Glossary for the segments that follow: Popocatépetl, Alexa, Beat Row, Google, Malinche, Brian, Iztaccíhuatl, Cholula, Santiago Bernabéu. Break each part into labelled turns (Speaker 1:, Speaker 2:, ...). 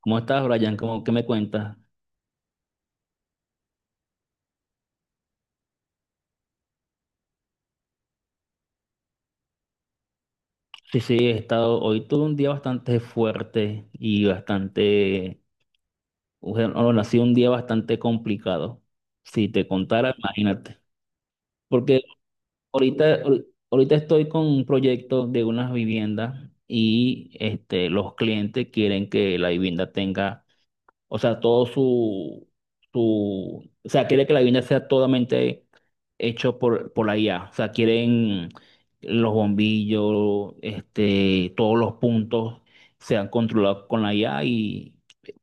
Speaker 1: ¿Cómo estás, Brian? ¿Qué me cuentas? Sí, He estado, hoy tuve un día bastante fuerte y bastante, bueno, no, bueno, ha sido un día bastante complicado. Si te contara, imagínate. Porque ahorita estoy con un proyecto de unas viviendas y los clientes quieren que la vivienda tenga. O sea, quiere que la vivienda sea totalmente hecho por la IA. O sea, quieren los bombillos, todos los puntos sean controlados con la IA y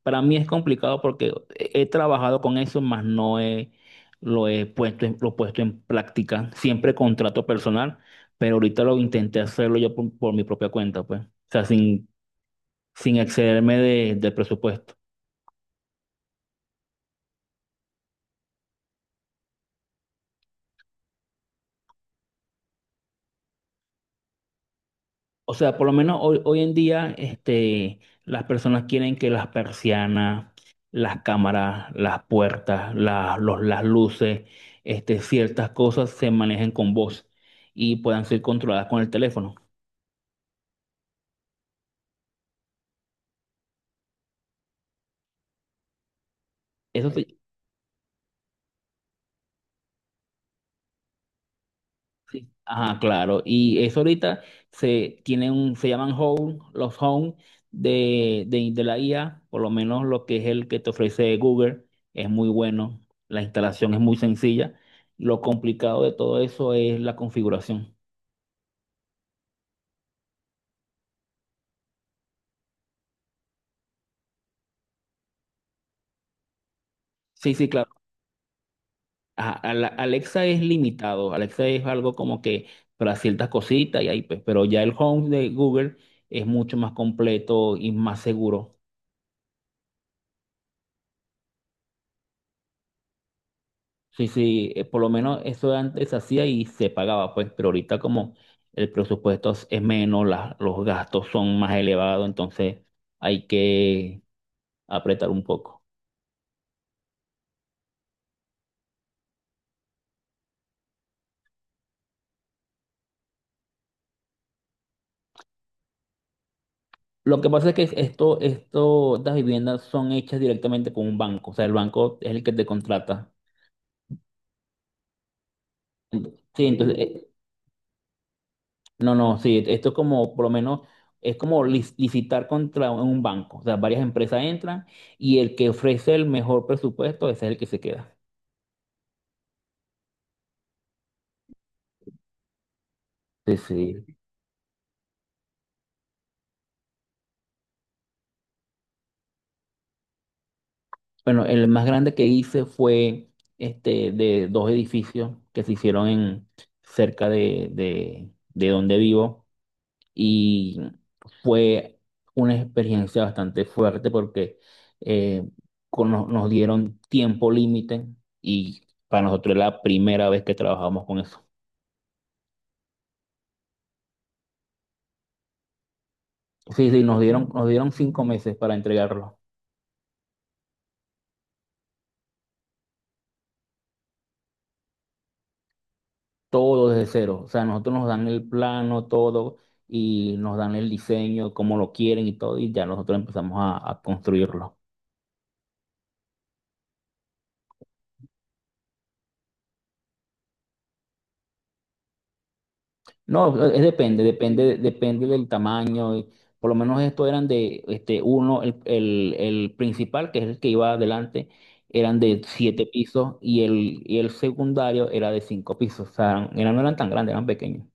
Speaker 1: para mí es complicado porque he trabajado con eso, más no he, lo he puesto, lo he puesto en práctica. Siempre contrato personal, pero ahorita lo intenté hacerlo yo por mi propia cuenta, pues. O sea, sin excederme del presupuesto. O sea, por lo menos hoy en día, las personas quieren que las persianas, las cámaras, las puertas, las luces, ciertas cosas se manejen con voz y puedan ser controladas con el teléfono. Eso sí. Sí. Ajá, claro. Y eso ahorita se llaman home, los home de la IA. Por lo menos lo que es el que te ofrece Google, es muy bueno. La instalación es muy sencilla. Lo complicado de todo eso es la configuración. Sí, sí, claro. Ajá, Alexa es limitado. Alexa es algo como que para ciertas cositas y ahí pues, pero ya el home de Google es mucho más completo y más seguro. Sí, sí, por lo menos eso antes se hacía y se pagaba, pues, pero ahorita como el presupuesto es menos, los gastos son más elevados, entonces hay que apretar un poco. Lo que pasa es que estas viviendas son hechas directamente con un banco, o sea, el banco es el que te contrata. Sí, entonces, no, no, sí, esto es como, por lo menos, es como licitar contra un banco, o sea, varias empresas entran y el que ofrece el mejor presupuesto, ese es el que se queda. Sí, sí. Bueno, el más grande que hice fue este de dos edificios que se hicieron en cerca de donde vivo y fue una experiencia bastante fuerte porque eh, nos dieron tiempo límite y para nosotros era la primera vez que trabajamos con eso. Sí, sí, nos dieron 5 meses para entregarlo. Todo desde cero. O sea, nosotros nos dan el plano, todo, y nos dan el diseño, cómo lo quieren y todo, y ya nosotros empezamos a construirlo. No, es depende del tamaño. Y por lo menos estos eran de, este, uno, el principal, que es el que iba adelante, eran de 7 pisos y y el secundario era de 5 pisos. O sea, eran, no eran tan grandes, eran pequeños.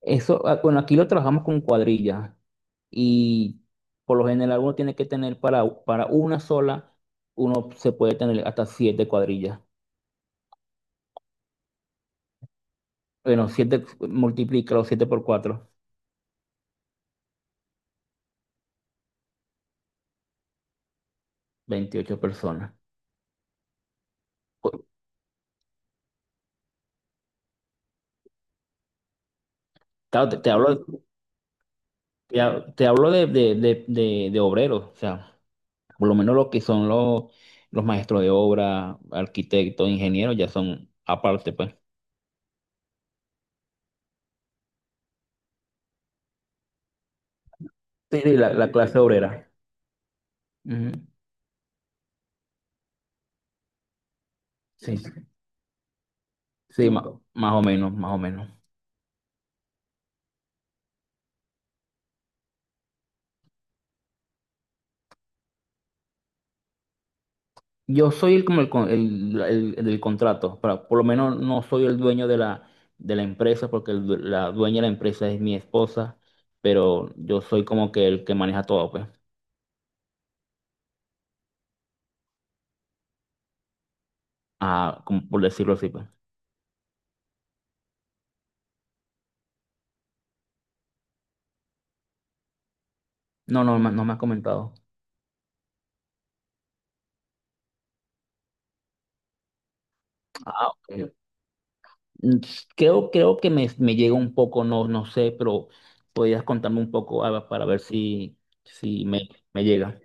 Speaker 1: Eso, ah, bueno, aquí lo trabajamos con cuadrillas. Y por lo general uno tiene que tener para una sola, uno se puede tener hasta 7 cuadrillas. Bueno, siete, multiplícalo, 7 por 4, 28 personas. Cu- Claro, te hablo, te hablo de obreros, o sea, por lo menos lo que son los maestros de obra, arquitectos, ingenieros, ya son aparte, pues. Sí, sí, la clase obrera. Ujú. Sí, sí, más o menos, más o menos. Yo soy el, como el, con- el del contrato, para, por lo menos no soy el dueño de la empresa, porque la dueña de la empresa es mi esposa, pero yo soy como que el que maneja todo, pues, ah, como por decirlo así, pues. No, no, no me ha comentado. Ah, ok. Mm. Creo que me llega un poco, no, no sé, pero podrías contarme un poco ah, para ver si, me llega.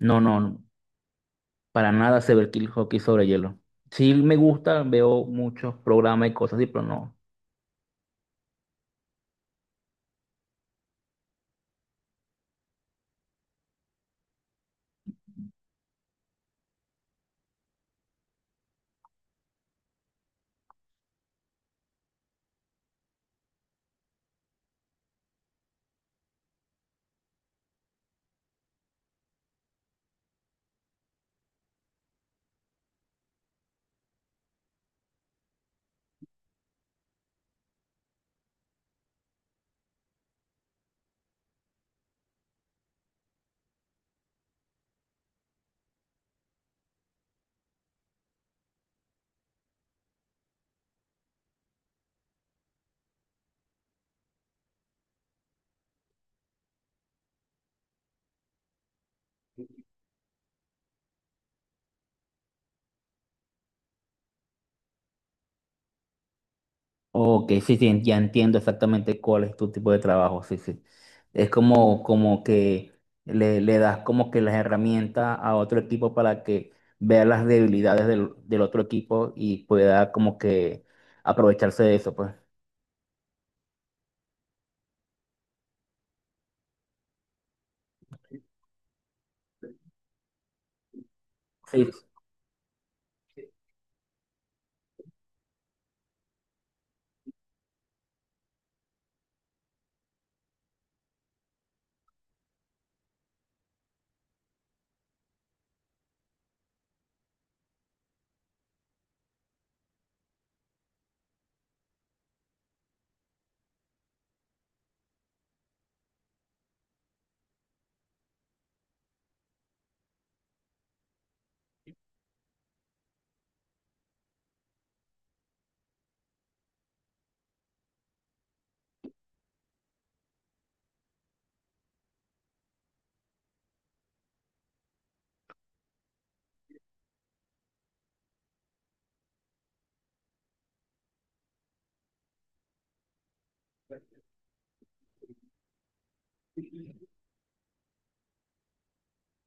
Speaker 1: No, no, no. Para nada sé ver el hockey sobre hielo. Sí me gusta, veo muchos programas y cosas así, pero no. Ok, sí, sí, ya entiendo exactamente cuál es tu tipo de trabajo, sí, sí. Es como que le das como que las herramientas a otro equipo para que vea las debilidades del otro equipo y pueda como que aprovecharse de eso, pues. Sí.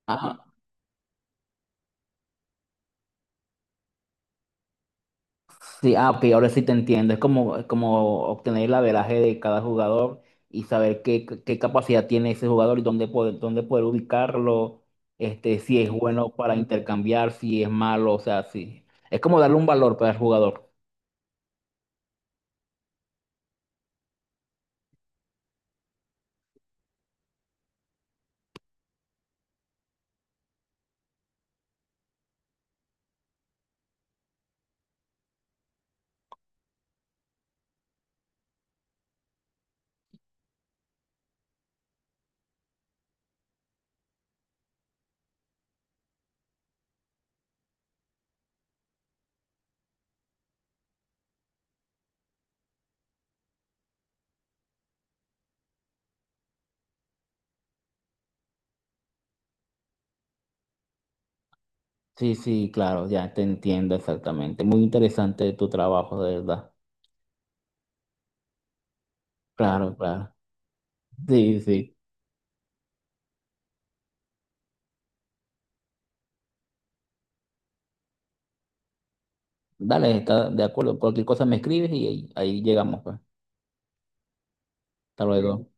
Speaker 1: Ajá. Sí, ah, ok, ahora sí te entiendo. Es como obtener el averaje de cada jugador y saber qué capacidad tiene ese jugador y dónde poder ubicarlo, este, si es bueno para intercambiar, si es malo, o sea, sí. Es como darle un valor para el jugador. Sí, sí, claro, ya te entiendo exactamente. Muy interesante tu trabajo, de verdad. Claro, claro. Sí, sí. Dale, está de acuerdo. Cualquier cosa me escribes y ahí llegamos, pues. Hasta luego.